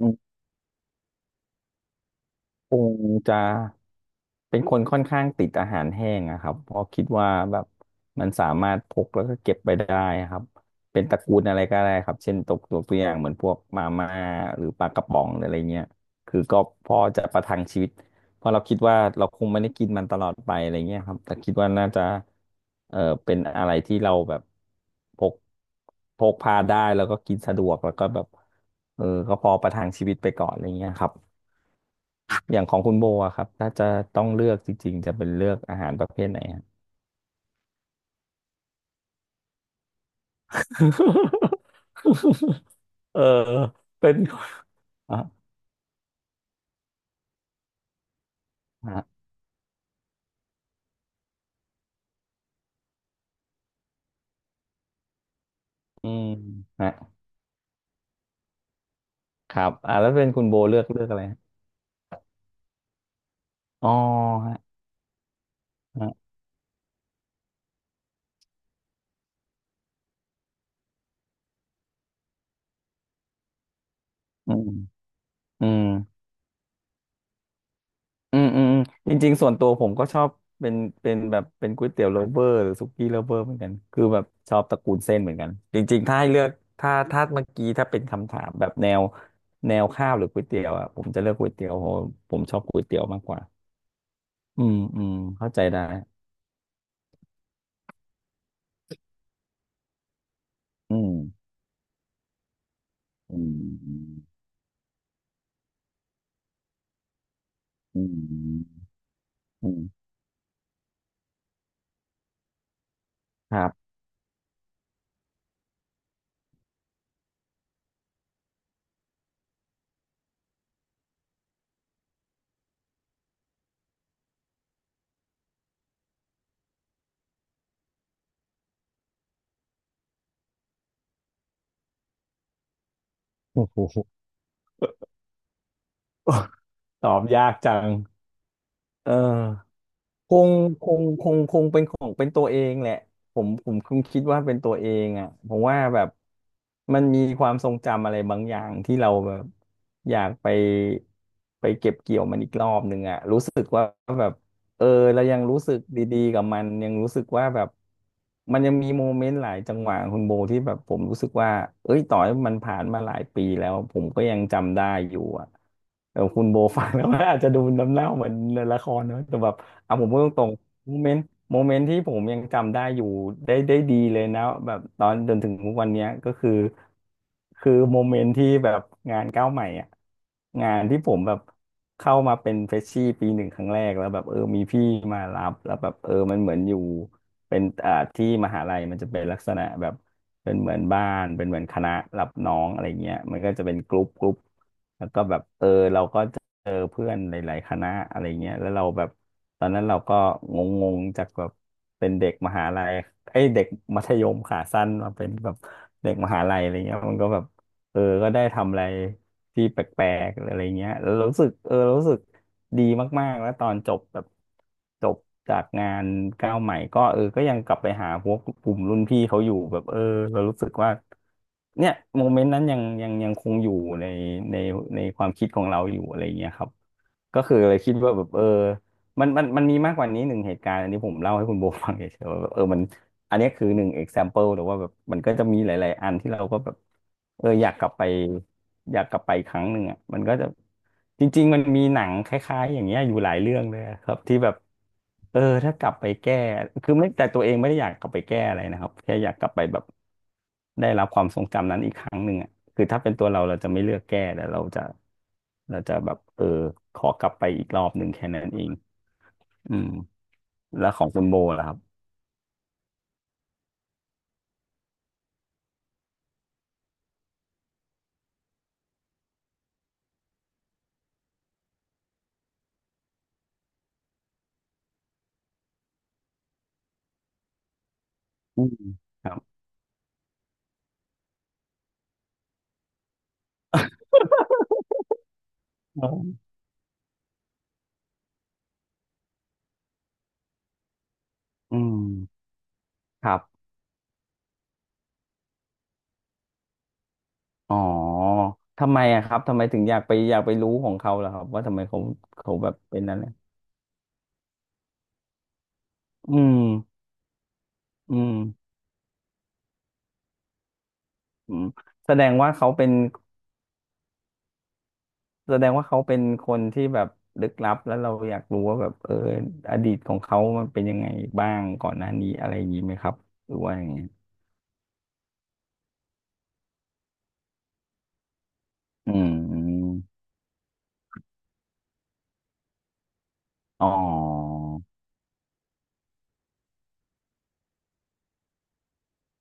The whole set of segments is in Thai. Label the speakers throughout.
Speaker 1: อืมคงจะเป็นคนค่อนข้างติดอาหารแห้งอะครับเพราะคิดว่าแบบมันสามารถพกแล้วก็เก็บไปได้ครับเป็นตระกูลอะไรก็ได้ครับเช่นตกตัวอย่างเหมือนพวกมาม่าหรือปลากระป๋องหรืออะไรเงี้ยคือก็พอจะประทังชีวิตเพราะเราคิดว่าเราคงไม่ได้กินมันตลอดไปอะไรเงี้ยครับแต่คิดว่าน่าจะเออเป็นอะไรที่เราแบบพกพกพาได้แล้วก็กินสะดวกแล้วก็แบบก็พอประทังชีวิตไปก่อนอะไรเงี้ยครับ อย่างของคุณโบอะครับถ้าจะต้องเลือกจริงๆจะเป็นเลือกอาหารประเภทไหนฮะ เออเป็นอ๋อฮะอืมฮะครับอ่าแล้วเป็นคุณโบเลือกอะไรฮะอ๋อฮะฮะอืมอืม อืมอืมอืมจริงๆส่วนตัวผมก็ชอบเป็นเป็นแบบเป็นก๋วยเตี๋ยวโ o เวอร์หรือสุกี้โลเวอร์เหมือนกันคือแบบชอบตระกูลเส้นเหมือนกันจริงๆถ้าให้เลือกถ้าเมื่อกี้ถ้าเป็นคำถามแบบแนวแนวข้าวหรือก๋วยเตี๋ยวอ่ะผมจะเลือกก๋วยเตี๋ยวเพราะผมชอบก๋วยเตี๋ยวมากกว่าอืมอืมเข้าใจได้อืมอืมอืมอืมครับ โอ้โหตอบยากจังเออ คงคงเป็นของเป็นตัวเองแหละผมคงคิดว่าเป็นตัวเองอ่ะผมว่าแบบมันมีความทรงจำอะไรบางอย่างที่เราแบบอยากไปไปเก็บเกี่ยวมันอีกรอบหนึ่งอ่ะรู้สึกว่า เออเรายังรู้สึกดีๆกับมันยังรู้สึกว่าแบบมันยังมีโมเมนต์หลายจังหวะคุณโบที่แบบผมรู้สึกว่าเอ้ยต่อให้มันผ่านมาหลายปีแล้วผมก็ยังจำได้อยู่อ่ะเออคุณโบฟังแล้วมันอาจจะดูน้ำเน่าเหมือนในละครนะแต่แบบเอาผมพูดตรงๆโมเมนต์ที่ผมยังจำได้อยู่ได้ดีเลยนะแบบตอนจนถึงทุกวันเนี้ยก็คือคือโมเมนต์ที่แบบงานก้าวใหม่อ่ะงานที่ผมแบบ เข้ามาเป็นเฟรชชี่ปีหนึ่งครั้งแรกแล้วแบบเออมีพี่มารับแล้วแบบเออมันเหมือนอยู่เป็นที่มหาลัยมันจะเป็นลักษณะแบบเป็นเหมือนบ้านเป็นเหมือนคณะรับน้องอะไรเงี้ยมันก็จะเป็นกรุ๊ป เจอเพื่อนหลายๆคณะอะไรเงี้ยแล้วเราแบบตอนนั้นเราก็งงๆจากแบบเป็นเด็กมหาลัยไอ้ยเด็กมัธยมขาสั้นมาเป็นแบบเด็กมหาลัยอะไรเงี้ยมันก็แบบเออก็ได้ทำอะไรที่แปลกๆอะไรเงี้ยแล้วรู้สึกเออรู้สึกดีมากๆแล้วตอนจบแบบจบจากงานก้าวใหม่ก็เออก็ยังกลับไปหาพวกกลุ่มรุ่นพี่เขาอยู่แบบเออเรารู้สึกว่า เนี่ยโมเมนต์นั้นยังคงอยู่ในในในความคิดของเราอยู่อะไรอย่างเงี้ยครับก็คือเลยคิดว่าแบบเออมันมีมากกว่านี้หนึ่งเหตุการณ์อันนี้ผมเล่าให้คุณโบฟังเฉยๆว่าแบบเออมัน อันนี้คือหนึ่ง example หรือว่าแบบมันก็จะมีหลายๆอันที่เราก็แบบเอออยากกลับไปอยากกลับไปอีกครั้งหนึ่งอ่ะมันก็จะจริงๆมันมีหนังคล้ายๆอย่างเงี้ยอยู่หลายเรื่องเลยอะครับที่แบบเออถ้ากลับไปแก้คือไม่แต่ตัวเองไม่ได้อยากกลับไปแก้อะไรนะครับแค่อยากกลับไปแบบได้รับความทรงจำนั้นอีกครั้งหนึ่งอ่ะคือถ้าเป็นตัวเราเราจะไม่เลือกแก้แต่เราจะแบบเออขอกลับไปอีกรอบหนึ่งแค่นั้นเองอืมแล้วของคุณโบล่ะครับอืมครับ อืมครับอ๋อทำไมอะครับทำไมถึงอยากไปรู้ของเขาล่ะครับว่าทำไมเขาแบบเป็นนั้นเนี่ยอืมอืมอืมแสดงว่าเขาเป็นแสดงว่าเขาเป็นคนที่แบบลึกลับแล้วเราอยากรู้ว่าแบบเอออดีตของเขามันเป็นยังไงบ้างก่อนหน้านี้อะไรอย่างนี้ไหมครับหรือว่าอย่างไงอืมอ๋อ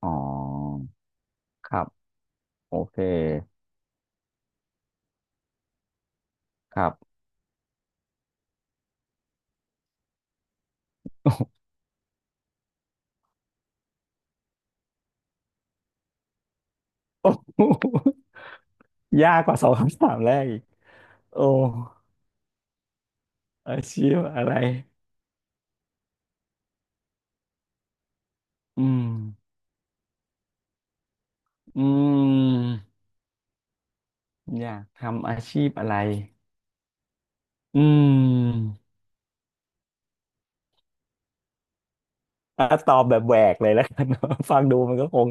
Speaker 1: อ๋อครับโอเคครับ โอ้โหยากกว่าสองคำถามแรกอีกโอ้ อาชีพอะไร อืมอืมอยากทำอาชีพอะไร อืมอ่ะตอบแบบแหวกเลยแล้วกัน ฟังดูมันก็คง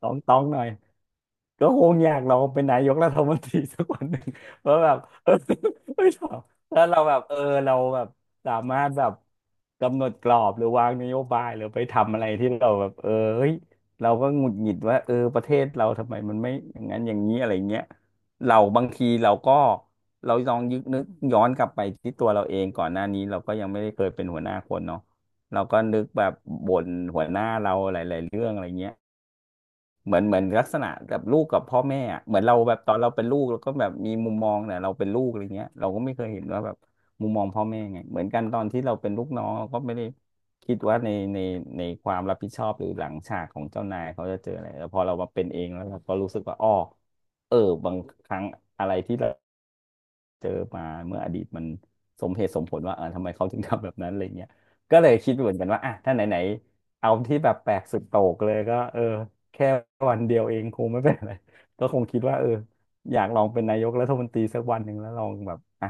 Speaker 1: ต้องหน่อย ก็คงอยากเราเป็นนายกรัฐมนตรีสักวันหนึ่ง เพราะแบบ เออไม่ชอบถ้าเราแบบเราแบบสามารถแบบกำหนดกรอบหรือวางนโยบายหรือไปทำอะไรที่เราแบบเฮ้ยเราก็หงุดหงิดว่าเออประเทศเราทำไมมันไม่อย่างนั้นอย่างนี้อะไรเงี้ยเราบางทีเราก็เราลองยึกนึกย้อนกลับไปที่ตัวเราเองก่อนหน้านี้เราก็ยังไม่ได้เคยเป็นหัวหน้าคนเนาะเราก็นึกแบบบ่นหัวหน้าเราหลายๆเรื่องอะไรเงี้ย เหมือนลักษณะแบบลูกกับพ่อแม่อะเหมือนเราแบบตอนเราเป็นลูกเราก็แบบมีมุมมองเนี่ยเราเป็นลูกอะไรเงี้ยเราก็ไม่เคยเห็นว่าแบบมุมมองพ่อแม่ไงเหมือนกันตอนที่เราเป็นลูกน้องเราก็ไม่ได้คิดว่าในในในความรับผิดชอบหรือหลังฉากของเจ้านายเขาจะเจออะไรแต่พอเรามาเป็นเองแล้วเราก็รู้สึกว่าอ้อเออบางครั้งอะไรที่เรา เจอมาเมื่ออดีตมันสมเหตุสมผลว่าเออทำไมเขาถึงทำแบบนั้นอะไรเงี้ยก็เลยคิดเหมือนกันว่าอ่ะถ้าไหนๆเอาที่แบบแปลกสุดโต่งเลยก็เออแค่วันเดียวเองคงไม่เป็นไรก็คงคิดว่าเอออยากลองเป็นนายกรัฐมนตรีสักวันหนึ่งแล้วลองแบบอ่ะ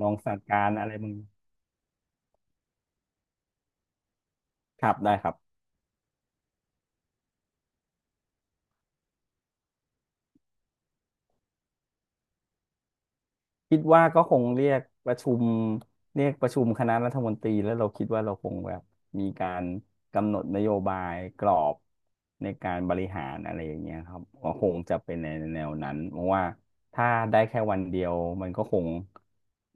Speaker 1: ลองสั่งการอะไรมึงครับได้ครับ คิดว่าก็คงเรียกประชุมเรียกประชุมคณะรัฐมนตรีแล้วเราคิดว่าเราคงแบบมีการกำหนดนโยบายกรอบในการบริหารอะไรอย่างเงี้ยครับก็คงจะเป็นในแนวนั้นเพราะว่าถ้าได้แค่วันเดียวมันก็คง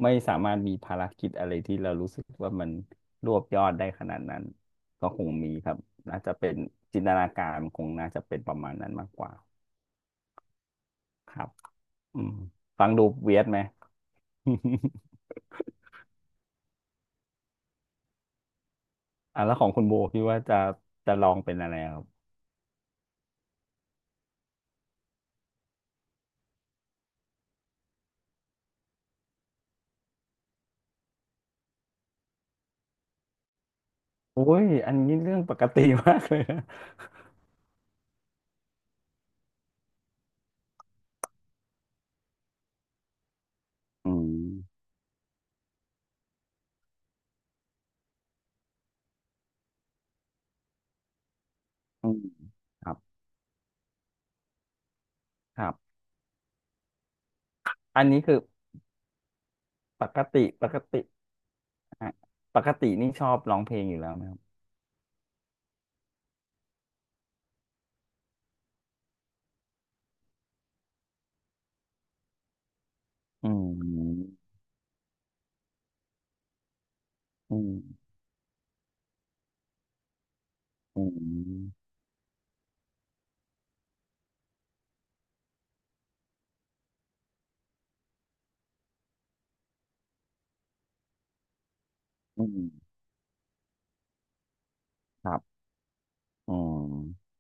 Speaker 1: ไม่สามารถมีภารกิจอะไรที่เรารู้สึกว่ามันรวบยอดได้ขนาดนั้นก็คงมีครับน่าจะเป็นจินตนาการคงน่าจะเป็นประมาณนั้นมากกว่าครับอืมฟังดูเวียดไหม อ่ะแล้วของคุณโบคิดว่าจะจะลองเป็นอะไรครับโอ้ยอันนี้เรื่องปกติมากเลยนะอืมอืมครับครับอันนี้คือปกติฮะปกตินี่ชอบร้องเพลงอยู่แล้วไหมครับอืมอืมอืมอืมครับอืม